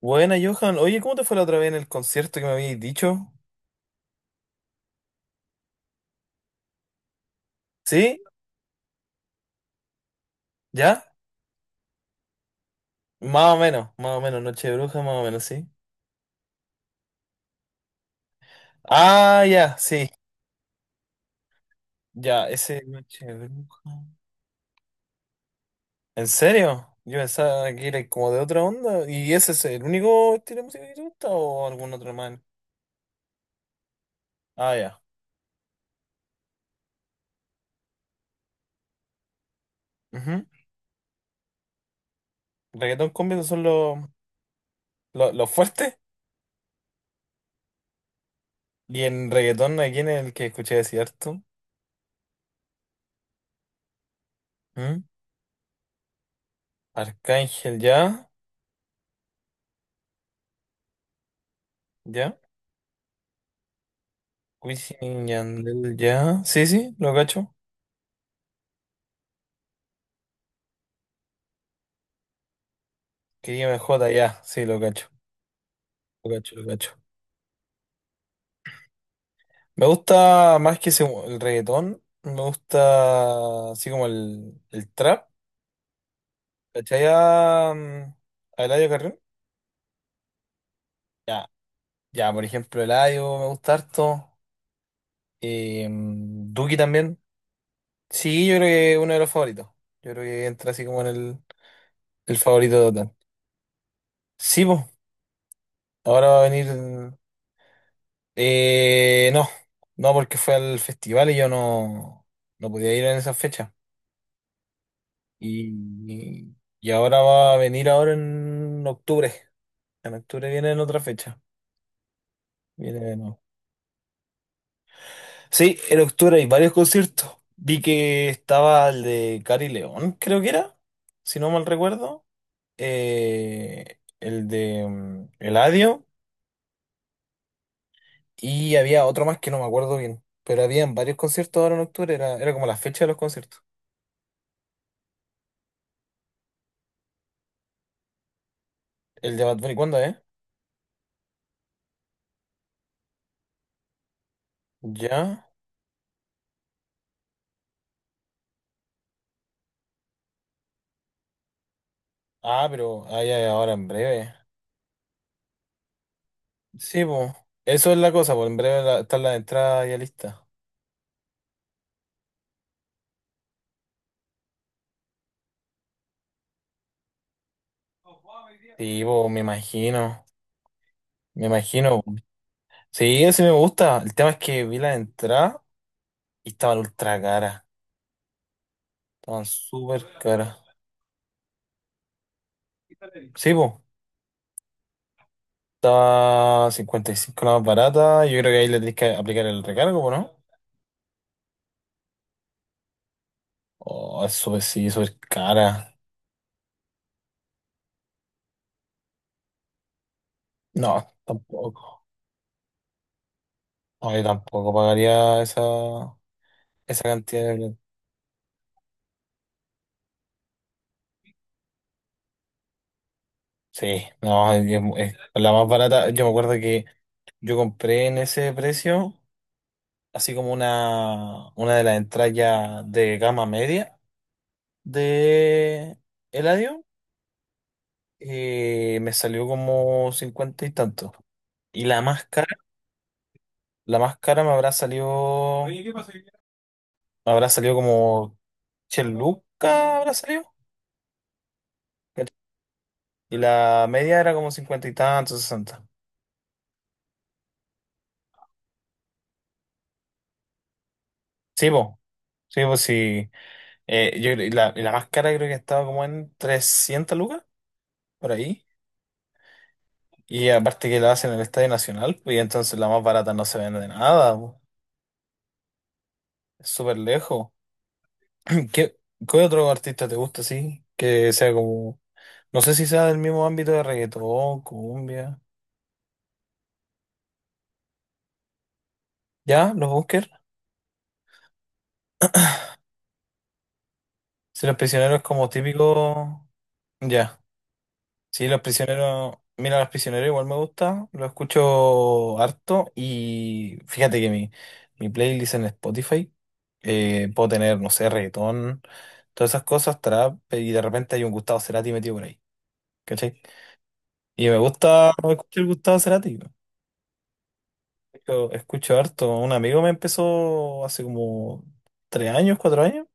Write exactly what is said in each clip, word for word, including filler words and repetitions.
Buena, Johan. Oye, ¿cómo te fue la otra vez en el concierto que me habías dicho? ¿Sí? ¿Ya? Más o menos, más o menos. Noche de bruja, más o menos, sí. Ah, ya, sí. Ya, ese Noche de bruja. ¿En serio? Yo pensaba que era como de otra onda. ¿Y ese es el único estilo de música que te gusta o algún otro más? Ah, ya. Ujú. Reggaetón cumbia, esos son los, los, los fuertes. Y en reggaetón, aquí en el que escuché decir harto. ¿Mm? Arcángel, ya. ¿Ya? Wisin y Yandel, ya. Sí, sí, lo cacho. Quería M J, ya. Sí, lo cacho. Lo cacho, lo cacho. Me gusta más que ese- el reggaetón. Me gusta así como el, el trap. ¿Cachai? A, mm, a Eladio Carrión. Ya. Ya, por ejemplo, Eladio me gusta harto. Eh, mm, Duki también. Sí, yo creo que es uno de los favoritos. Yo creo que entra así como en el, el favorito total. Sí, pues. Ahora va a venir. Eh, no, no, porque fue al festival y yo no, no podía ir en esa fecha. Y, y y ahora va a venir ahora en octubre. En octubre viene en otra fecha. Viene de nuevo. Sí, en octubre hay varios conciertos. Vi que estaba el de Cari León, creo que era, si no mal recuerdo. Eh, el de mm, Eladio. Y había otro más que no me acuerdo bien. Pero habían varios conciertos ahora en octubre. Era, era como la fecha de los conciertos. El de Bad Bunny, ¿cuándo es? ¿Ya? Ah, pero ah, ya, ya, ahora en breve. Sí, pues. Eso es la cosa, pues en breve la- está la entrada ya lista. Sí, pues me imagino. Me imagino, po. Sí, ese me gusta. El tema es que vi la entrada y estaban ultra caras. Estaban súper caras. Sí, pues. Estaba cincuenta y cinco la más barata. Yo creo que ahí le tenés que aplicar el recargo, po, ¿no? Oh, es súper, sí, súper cara. No, tampoco. No, yo tampoco pagaría esa, esa cantidad de plata. Sí, no, es, es- la más barata. Yo me acuerdo que yo compré en ese precio, así como una, una de las entradas ya de gama media de Eladio, eh, me salió como cincuenta y tanto. Y la más cara, la más cara me habrá salido. Oye, ¿qué pasa? Me habrá salido como cien lucas, habrá salido. ¿Cachai? Y la media era como cincuenta y tanto, sesenta. Sí, pues, sí, pues sí. Eh, yo creo- y la, y la más cara creo que estaba como en trescientas lucas, por ahí. Y aparte que la hacen en el Estadio Nacional, pues, y entonces la más barata no se vende nada, po. Es súper lejos. ¿Qué, qué otro artista te gusta así? Que sea como, no sé si sea del mismo ámbito de reggaetón, cumbia. ¿Ya? ¿Los Bunkers? Si los prisioneros es como típico, ya. Sí, Los Prisioneros, mira, Los Prisioneros igual me gusta, lo escucho harto, y fíjate que mi, mi playlist en Spotify, eh, puedo tener, no sé, reggaetón, todas esas cosas, trap, y de repente hay un Gustavo Cerati metido por ahí, ¿cachai? Y me gusta escuchar Gustavo Cerati, yo escucho harto. Un amigo me empezó hace como tres años, cuatro años.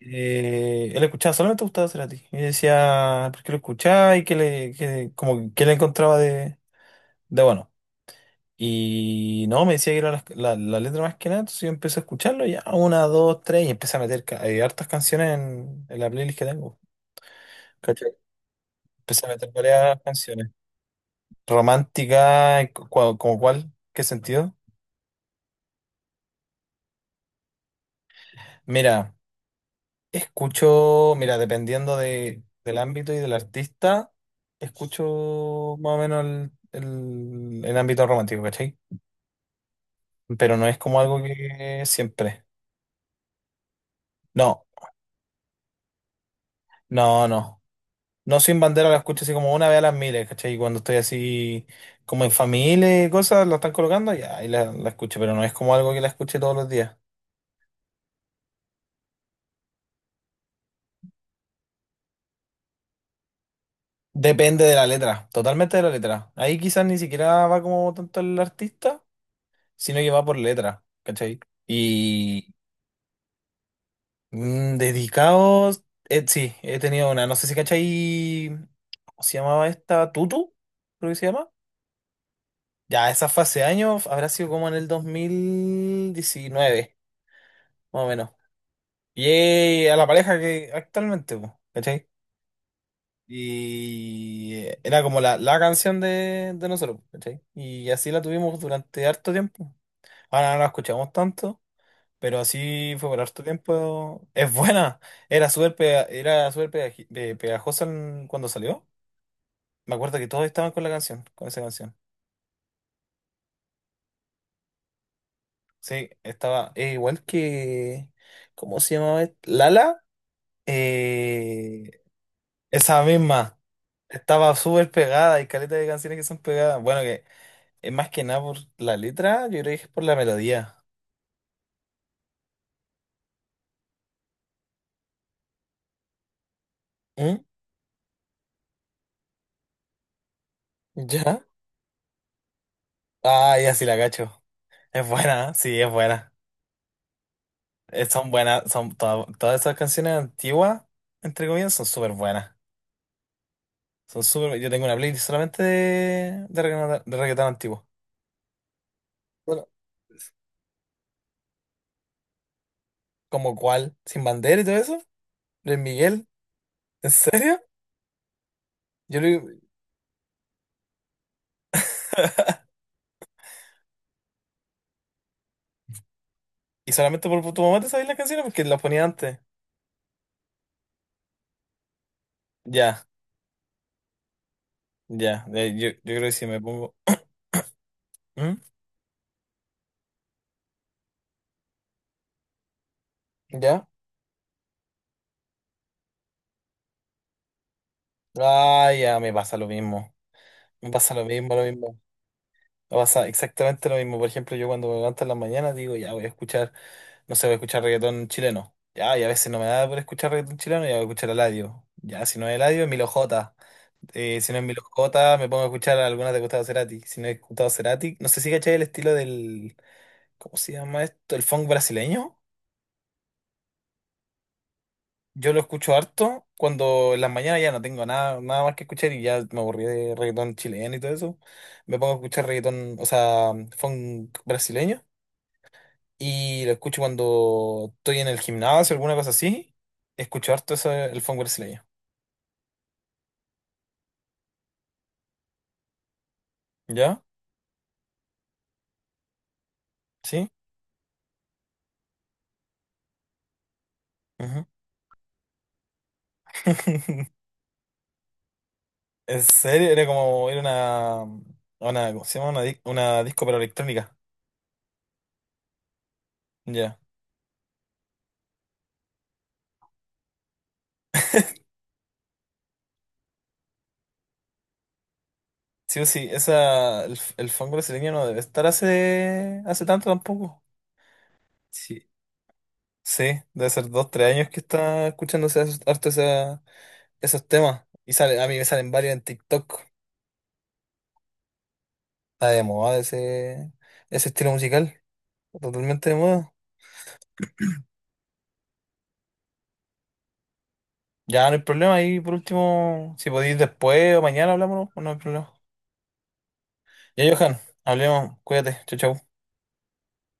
eh, él escuchaba solamente Gustavo Cerati y yo decía, ¿por qué lo escuchaba? Y que le, que, como, que le encontraba de, de bueno. Y no, me decía que era la, la- la letra más que nada. Entonces yo empecé a escucharlo ya, una, dos, tres, y empecé a meter ca- eh, hartas canciones en, en la playlist que tengo. ¿Cachai? Empecé a meter varias canciones. Romántica, y cu- cua- ¿como cuál? ¿Qué sentido? Mira, escucho, mira, dependiendo de, del ámbito y del artista, escucho más o menos el, el, el ámbito romántico, ¿cachai? Pero no es como algo que siempre. No, no, no. No, Sin Bandera la escucho así como una vez a las miles, ¿cachai? Y cuando estoy así como en familia y cosas, la están colocando, ya ahí la, la escucho, pero no es como algo que la escuche todos los días. Depende de la letra, totalmente de la letra. Ahí quizás ni siquiera va como tanto el artista, sino que va por letra, ¿cachai? Y mm, dedicados, eh, sí, he tenido una, no sé si cachai, ¿cómo se llamaba esta? Tutu, creo que se llama. Ya, esa fue hace años, habrá sido como en el dos mil diecinueve, más o menos. Y eh, a la pareja que actualmente, po, ¿cachai? Y eh, era como la, la canción de, de nosotros, po, ¿cachai? Y así la tuvimos durante harto tiempo. Ahora no la escuchamos tanto, pero así fue por harto tiempo. Es buena. Era súper pega- era súper pegaji- pe- pegajosa en- cuando salió. Me acuerdo que todos estaban con la canción, con esa canción. Sí, estaba, eh, igual que... ¿Cómo se llamaba? Lala. Eh, esa misma. Estaba súper pegada, hay caleta de canciones que son pegadas. Bueno, que es más que nada por la letra, yo creo que es por la melodía. ¿Mm? ¿Ya? Ah, ya, sí la cacho. Es buena, ¿eh? Sí, es buena. Eh, Son buenas, son to- todas esas canciones antiguas, entre comillas, son súper buenas. Son súper, yo tengo una playlist solamente de, de reggaetón, de reggaetón antiguo. Bueno, ¿como cuál? ¿Sin Bandera y todo eso? ¿Luis Miguel? ¿En serio? Yo lo... Y solamente por tu mamá te sabías las canciones porque las ponía antes. Ya. Ya, de- yo, yo creo que si me pongo. ¿Mm? ¿Ya? Ah, ya, me pasa lo mismo. Me pasa lo mismo, lo mismo. Me pasa exactamente lo mismo. Por ejemplo, yo cuando me levanto en la mañana digo, ya voy a escuchar, no sé, voy a escuchar reggaetón chileno. Ya, y a veces no me da por escuchar reggaetón chileno, ya voy a escuchar Eladio. Ya, si no es Eladio, es Milo J. Eh, si no es Milo J, me pongo a escuchar algunas de Gustavo Cerati. Si no es Gustavo Cerati, no sé si cachai el estilo del. ¿Cómo se llama esto? ¿El funk brasileño? Yo lo escucho harto cuando en las mañanas ya no tengo nada, nada más que escuchar y ya me aburrí de reggaetón chileno y todo eso. Me pongo a escuchar reggaetón, o sea, funk brasileño, y lo escucho cuando estoy en el gimnasio o alguna cosa así. Escucho harto eso, el funk brasileño. ¿Ya? ¿Sí? Ujú. En serio, era como, era una, una, ¿cómo se llama? Una, di- una disco pero electrónica. Ya. Sí o sí, esa, el, el funk brasileño no debe estar hace, hace tanto tampoco. Sí. Sí, debe ser dos, tres años que está escuchándose esos- harto esa- esos temas. Y sale, a mí me salen varios en TikTok. Está de moda ese, ese estilo musical. Totalmente de moda. Ya no hay problema. Ahí por último, si podéis después o mañana hablamos, no, no hay problema. Ya, Johan, hablemos. Cuídate. Chau, chau.